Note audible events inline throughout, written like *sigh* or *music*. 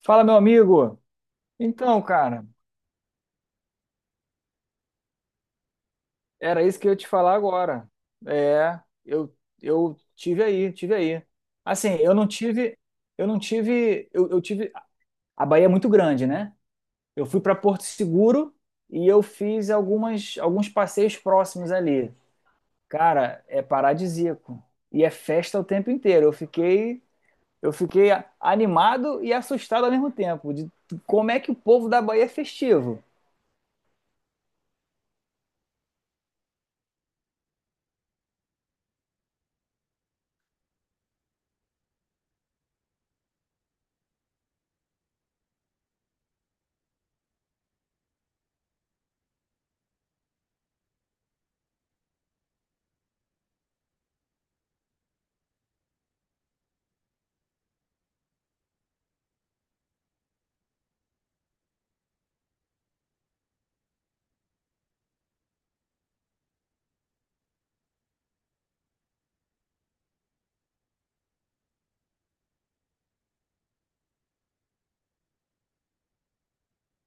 Fala, meu amigo. Então, cara, era isso que eu ia te falar agora. É, eu eu tive aí, tive aí. Assim, eu não tive, eu tive. A Bahia é muito grande, né? Eu fui para Porto Seguro e eu fiz algumas alguns passeios próximos ali. Cara, é paradisíaco e é festa o tempo inteiro. Eu fiquei animado e assustado ao mesmo tempo de como é que o povo da Bahia é festivo.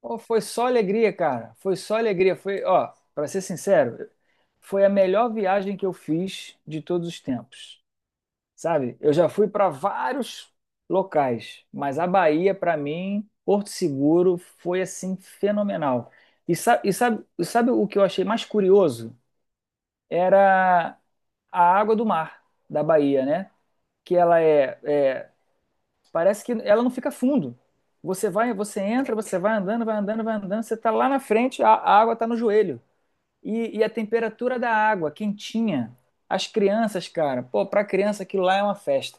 Pô, foi só alegria, cara. Foi só alegria. Foi, ó, para ser sincero, foi a melhor viagem que eu fiz de todos os tempos. Sabe? Eu já fui para vários locais, mas a Bahia, para mim, Porto Seguro, foi assim fenomenal. E, e sabe o que eu achei mais curioso? Era a água do mar da Bahia, né? Que ela é, é Parece que ela não fica fundo. Você vai, você entra, você vai andando, vai andando, vai andando, você está lá na frente, a água está no joelho. E a temperatura da água, quentinha. As crianças, cara, pô, para criança aquilo lá é uma festa.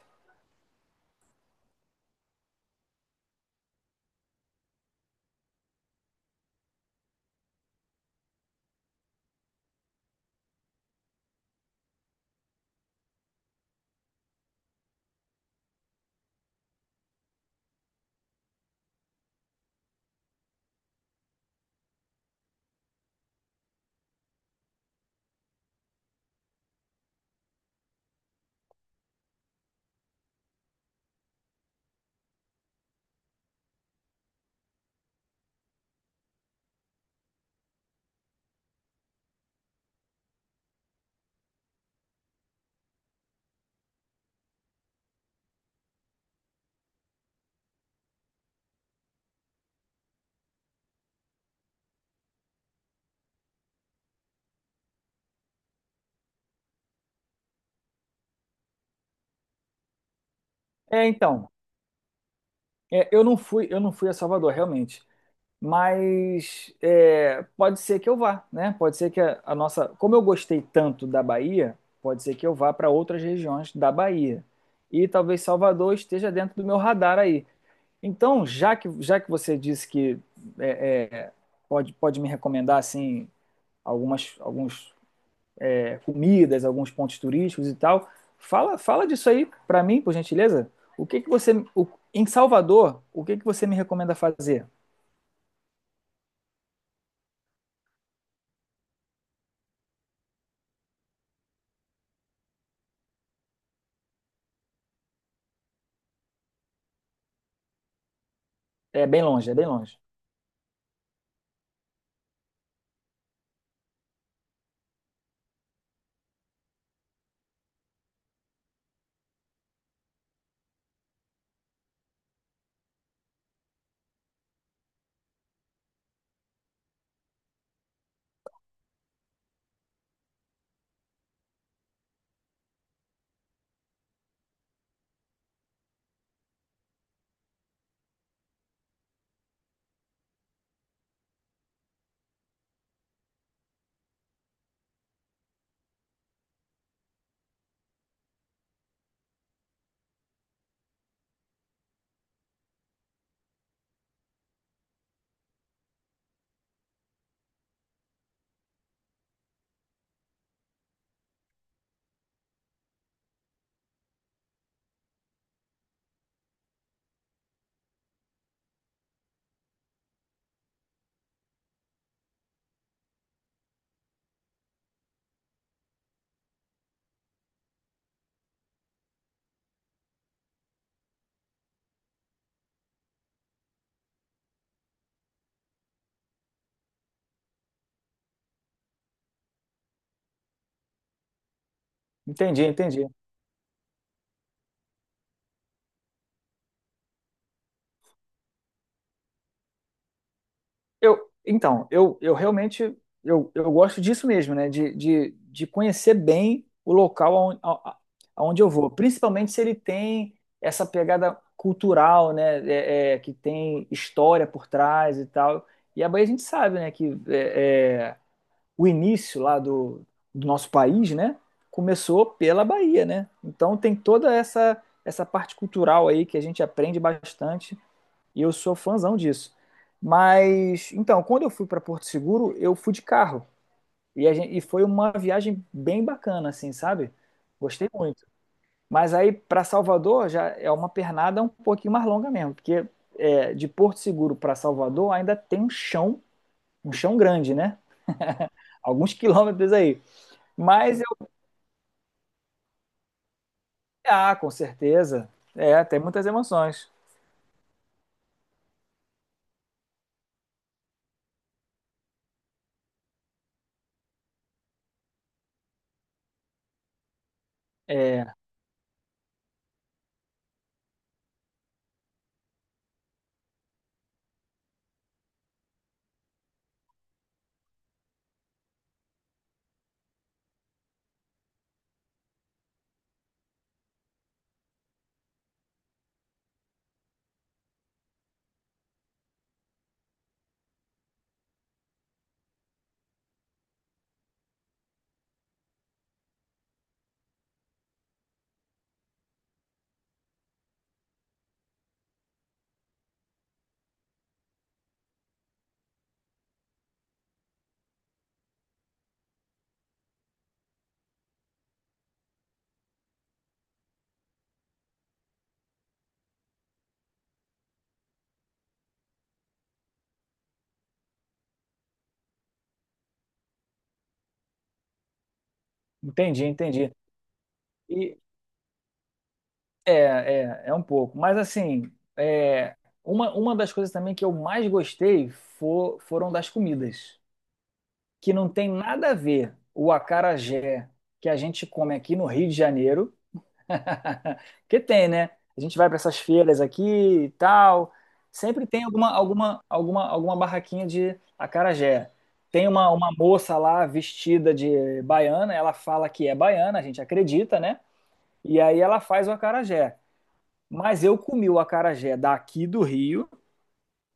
É, então, é, eu não fui a Salvador, realmente. Mas é, pode ser que eu vá, né? Pode ser que a nossa. Como eu gostei tanto da Bahia, pode ser que eu vá para outras regiões da Bahia. E talvez Salvador esteja dentro do meu radar aí. Então, já que você disse que é, é, pode, pode me recomendar assim algumas alguns, é, comidas, alguns pontos turísticos e tal, fala, fala disso aí para mim, por gentileza. O que que você o- Em Salvador, o que que você me recomenda fazer? É bem longe, é bem longe. Entendi, entendi. Então, eu gosto disso mesmo, né? De conhecer bem o local aonde, aonde eu vou, principalmente se ele tem essa pegada cultural, né? É, é, que tem história por trás e tal. E a Bahia a gente sabe, né? Que é, é, o início lá do, do nosso país, né? Começou pela Bahia, né? Então tem toda essa parte cultural aí que a gente aprende bastante e eu sou fãzão disso. Mas, então, quando eu fui para Porto Seguro, eu fui de carro. E, a gente, e foi uma viagem bem bacana, assim, sabe? Gostei muito. Mas aí, para Salvador, já é uma pernada um pouquinho mais longa mesmo. Porque é, de Porto Seguro para Salvador ainda tem um chão grande, né? Alguns *laughs* quilômetros aí. Mas eu, ah, com certeza. É, tem muitas emoções. É, entendi, entendi. E, é, é um pouco. Mas assim, é, uma das coisas também que eu mais gostei foram das comidas, que não tem nada a ver o acarajé que a gente come aqui no Rio de Janeiro, *laughs* que tem, né? A gente vai para essas feiras aqui e tal, sempre tem alguma, alguma barraquinha de acarajé. Tem uma moça lá vestida de baiana, ela fala que é baiana, a gente acredita, né? E aí ela faz o acarajé. Mas eu comi o acarajé daqui do Rio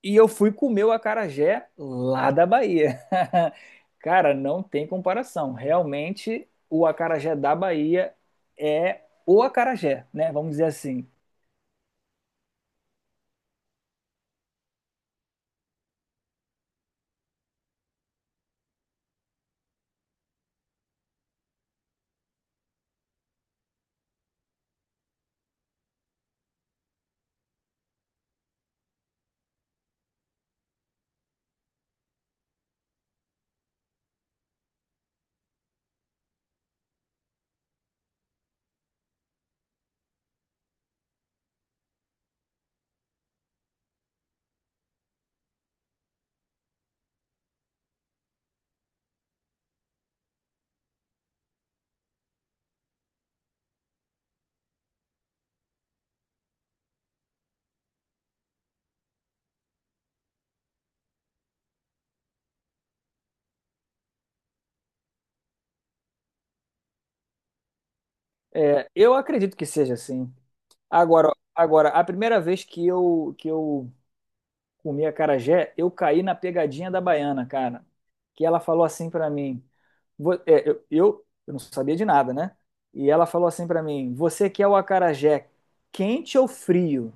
e eu fui comer o acarajé lá da Bahia. *laughs* Cara, não tem comparação. Realmente, o acarajé da Bahia é o acarajé, né? Vamos dizer assim. É, eu acredito que seja assim. Agora, a primeira vez que eu comi acarajé, eu caí na pegadinha da baiana, cara. Que ela falou assim pra mim, é, eu não sabia de nada, né? E ela falou assim pra mim, você quer o acarajé quente ou frio?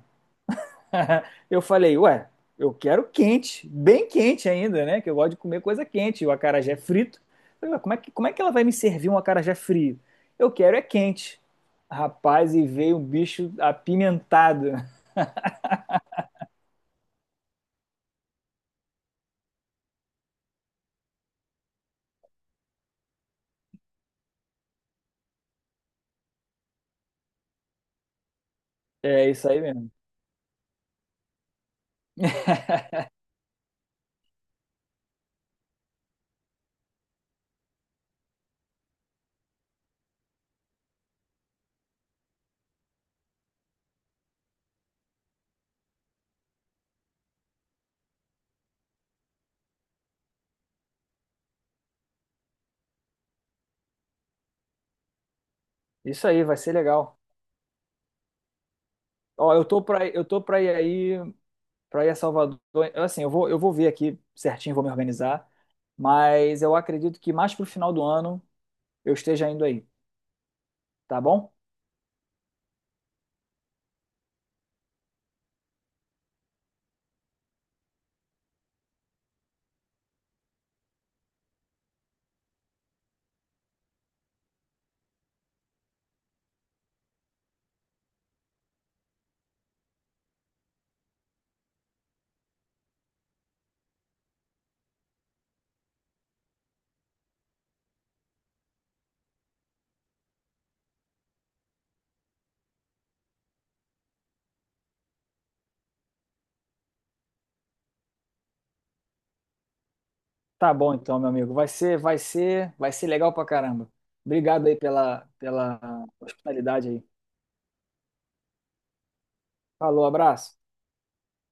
*laughs* Eu falei, ué, eu quero quente, bem quente ainda, né? Que eu gosto de comer coisa quente, o acarajé frito. Eu falei, ué, como é que ela vai me servir um acarajé frio? Eu quero é quente. Rapaz, e veio um bicho apimentado. *laughs* É isso aí mesmo. *laughs* Isso aí, vai ser legal. Ó, eu tô pra ir aí, pra ir a Salvador. Assim, eu vou ver aqui certinho, vou me organizar. Mas eu acredito que mais pro final do ano eu esteja indo aí, tá bom? Tá bom então, meu amigo. Vai ser legal pra caramba. Obrigado aí pela, pela hospitalidade aí. Falou, abraço.